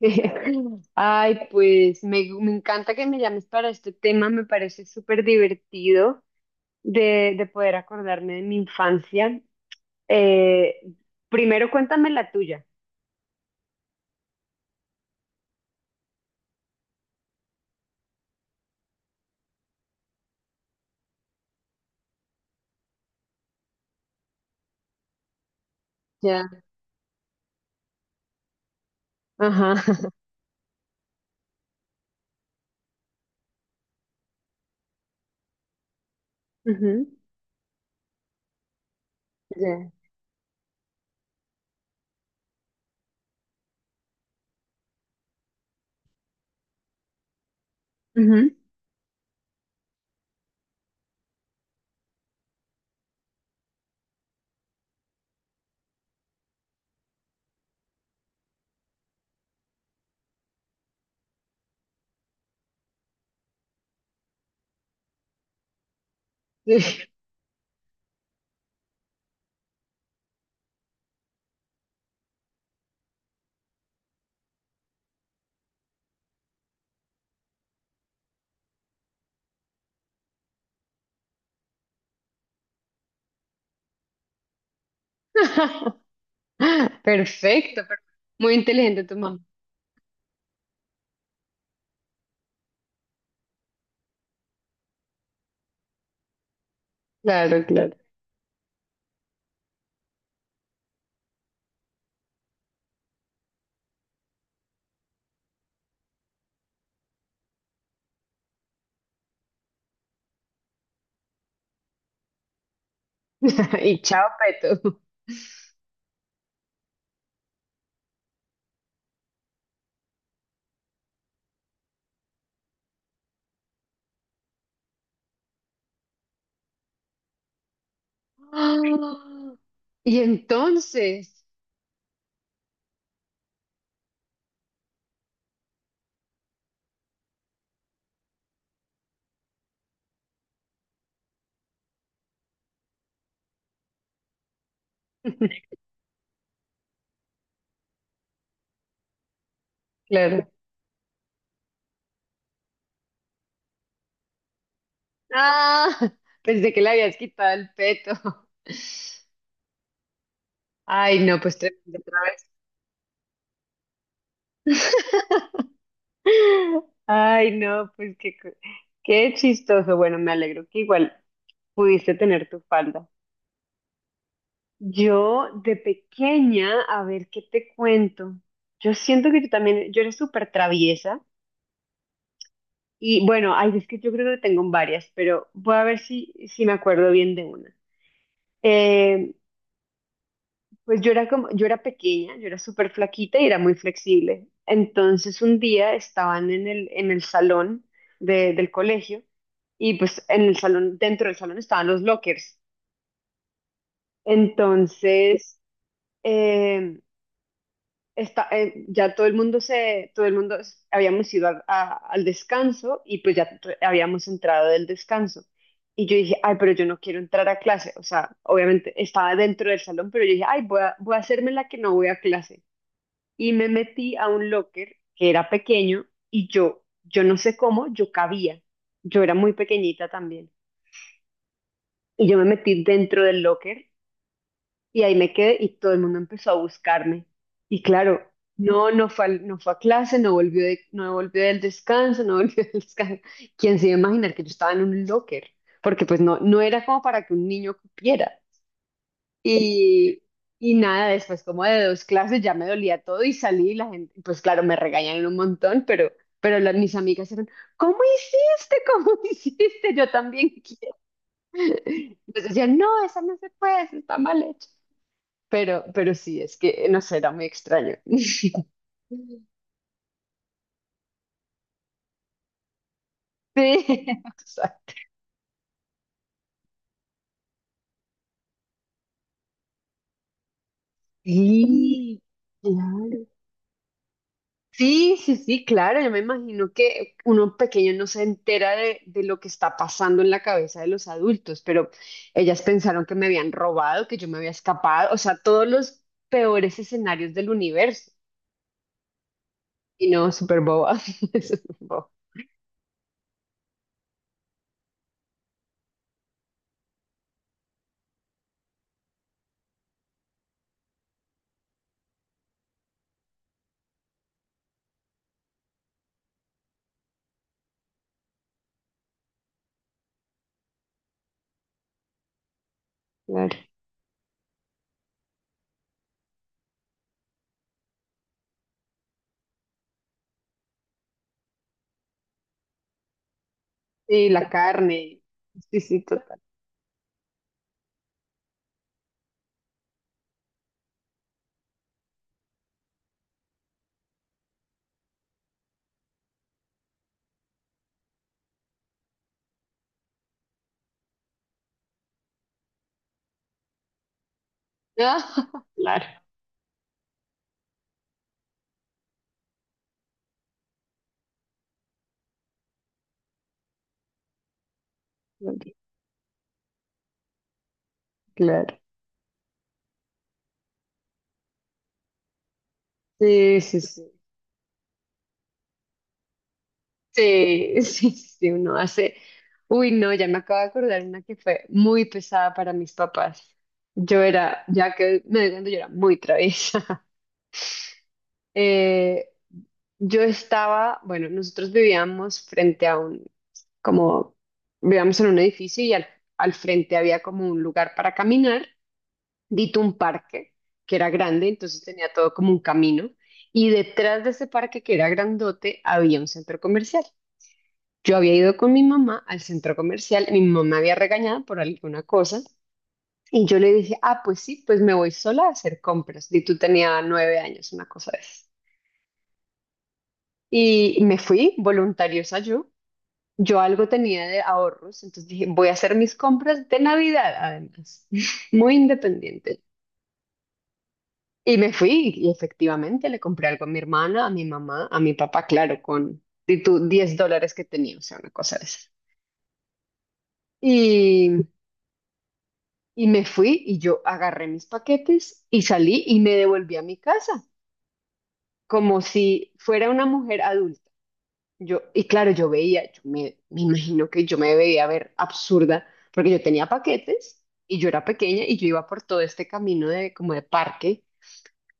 Ay, pues me encanta que me llames para este tema. Me parece súper divertido de poder acordarme de mi infancia. Eh, Primero cuéntame la tuya. Ya. Ajá. Ujú. Ya. Ujú. Sí. Perfecto, muy inteligente tu mamá. Claro, claro. Y chao, Peto. Ah, y entonces, claro. Ah, pensé que le habías quitado el peto. Ay, no, pues tremendo otra vez. Ay, no, pues qué chistoso. Bueno, me alegro que igual pudiste tener tu falda. Yo de pequeña, a ver qué te cuento. Yo siento que yo también, yo era súper traviesa. Y bueno, ay, es que yo creo que tengo varias, pero voy a ver si me acuerdo bien de una. Eh, Pues yo era como, yo era pequeña, yo era súper flaquita y era muy flexible. Entonces un día estaban en el salón del colegio. Y pues en el salón, dentro del salón estaban los lockers. Entonces eh, ya todo el mundo todo el mundo, habíamos ido al al descanso y pues ya habíamos entrado del descanso. Y yo dije, ay, pero yo no quiero entrar a clase. O sea, obviamente estaba dentro del salón, pero yo dije, ay, voy a hacerme la que no voy a clase. Y me metí a un locker que era pequeño y yo no sé cómo, yo cabía. Yo era muy pequeñita también. Y yo me metí dentro del locker y ahí me quedé y todo el mundo empezó a buscarme. Y claro, no fue, no fue a clase, no volvió no volvió del descanso, no volvió del descanso. ¿Quién se iba a imaginar que yo estaba en un locker? Porque pues no, no era como para que un niño cupiera. Y, y nada, después como de dos clases ya me dolía todo y salí y la gente, pues claro, me regañaron un montón, pero mis amigas eran, ¿cómo hiciste? ¿Cómo hiciste? Yo también quiero. Entonces decían, no, esa no se puede, esa está mal hecha. Pero sí, es que, no sé, era muy extraño. Sí, o sea, sí, claro. Sí, sí, sí, claro, yo me imagino que uno pequeño no se entera de lo que está pasando en la cabeza de los adultos, pero ellas pensaron que me habían robado, que yo me había escapado, o sea, todos los peores escenarios del universo. Y no, súper boba, súper boba, claro. Sí, la carne, sí, sí, total. Ah, claro, claro. Sí, sí, sí. Sí, sí, sí, uno hace. Uy, no, ya me acabo de acordar una que fue muy pesada para mis papás. Yo era, ya que me doy cuenta, yo era muy traviesa. Eh, yo estaba, bueno, nosotros vivíamos frente a un, como, vivíamos en un edificio y al frente había como un lugar para caminar, dito un parque, que era grande, entonces tenía todo como un camino. Y detrás de ese parque, que era grandote, había un centro comercial. Yo había ido con mi mamá al centro comercial, mi mamá me había regañado por alguna cosa y yo le dije, ah, pues sí, pues me voy sola a hacer compras. Y tú tenía 9 años, una cosa de esas. Y me fui voluntariosa yo. Yo algo tenía de ahorros, entonces dije, voy a hacer mis compras de Navidad, además, muy independiente. Y me fui y efectivamente le compré algo a mi hermana, a mi mamá, a mi papá, claro, con de tu 10 dólares que tenía, o sea, una cosa de esas. Y Y me fui y yo agarré mis paquetes y salí y me devolví a mi casa, como si fuera una mujer adulta. Yo, y claro, yo veía, me imagino que yo me veía ver absurda, porque yo tenía paquetes y yo era pequeña y yo iba por todo este camino de como de parque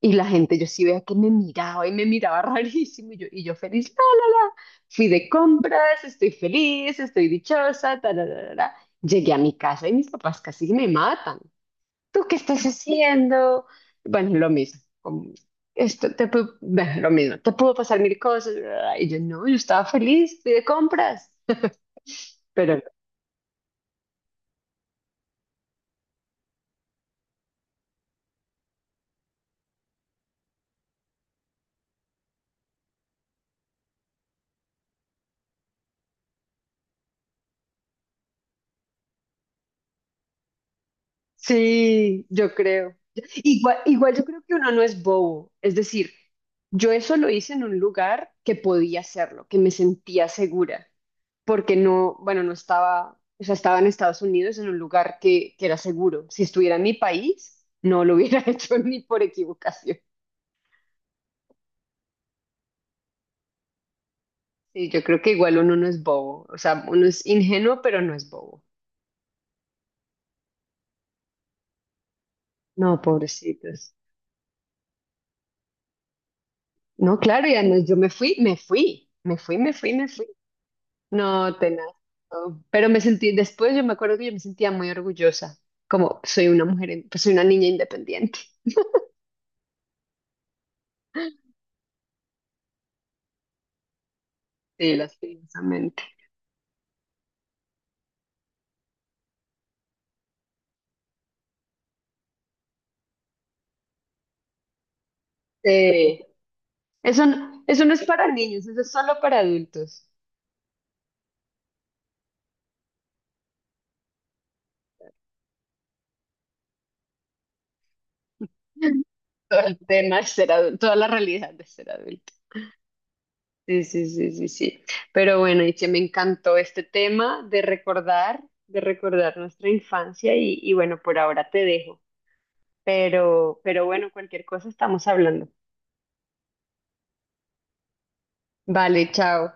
y la gente, yo sí veía que me miraba y me miraba rarísimo y yo feliz, la, fui de compras, estoy feliz, estoy dichosa, ta, la, la, la, la. Llegué a mi casa y mis papás casi me matan. ¿Tú qué estás haciendo? Bueno, lo mismo, como, esto te pudo, bueno, lo mismo, te pudo pasar mil cosas, bla, y yo no, yo estaba feliz, fui de compras, pero no. Sí, yo creo. Igual, igual yo creo que uno no es bobo, es decir, yo eso lo hice en un lugar que podía hacerlo, que me sentía segura, porque no, bueno, no estaba, o sea, estaba en Estados Unidos en un lugar que era seguro. Si estuviera en mi país, no lo hubiera hecho ni por equivocación. Sí, yo creo que igual uno no es bobo, o sea, uno es ingenuo, pero no es bobo. No, pobrecitos. No, claro, ya no, yo me fui, me fui, me fui, me fui, me fui. No, tenaz. No. Pero me sentí, después yo me acuerdo que yo me sentía muy orgullosa, como soy una mujer, pues soy una niña independiente. Sí, lastimosamente. Sí. Eso no es para niños, eso es solo para adultos. Todo el tema de ser adulto, toda la realidad de ser adulto. Sí, sí, sí, sí, sí. Pero bueno, Itziar, me encantó este tema de recordar nuestra infancia y bueno, por ahora te dejo. Pero bueno, cualquier cosa estamos hablando. Vale, chao.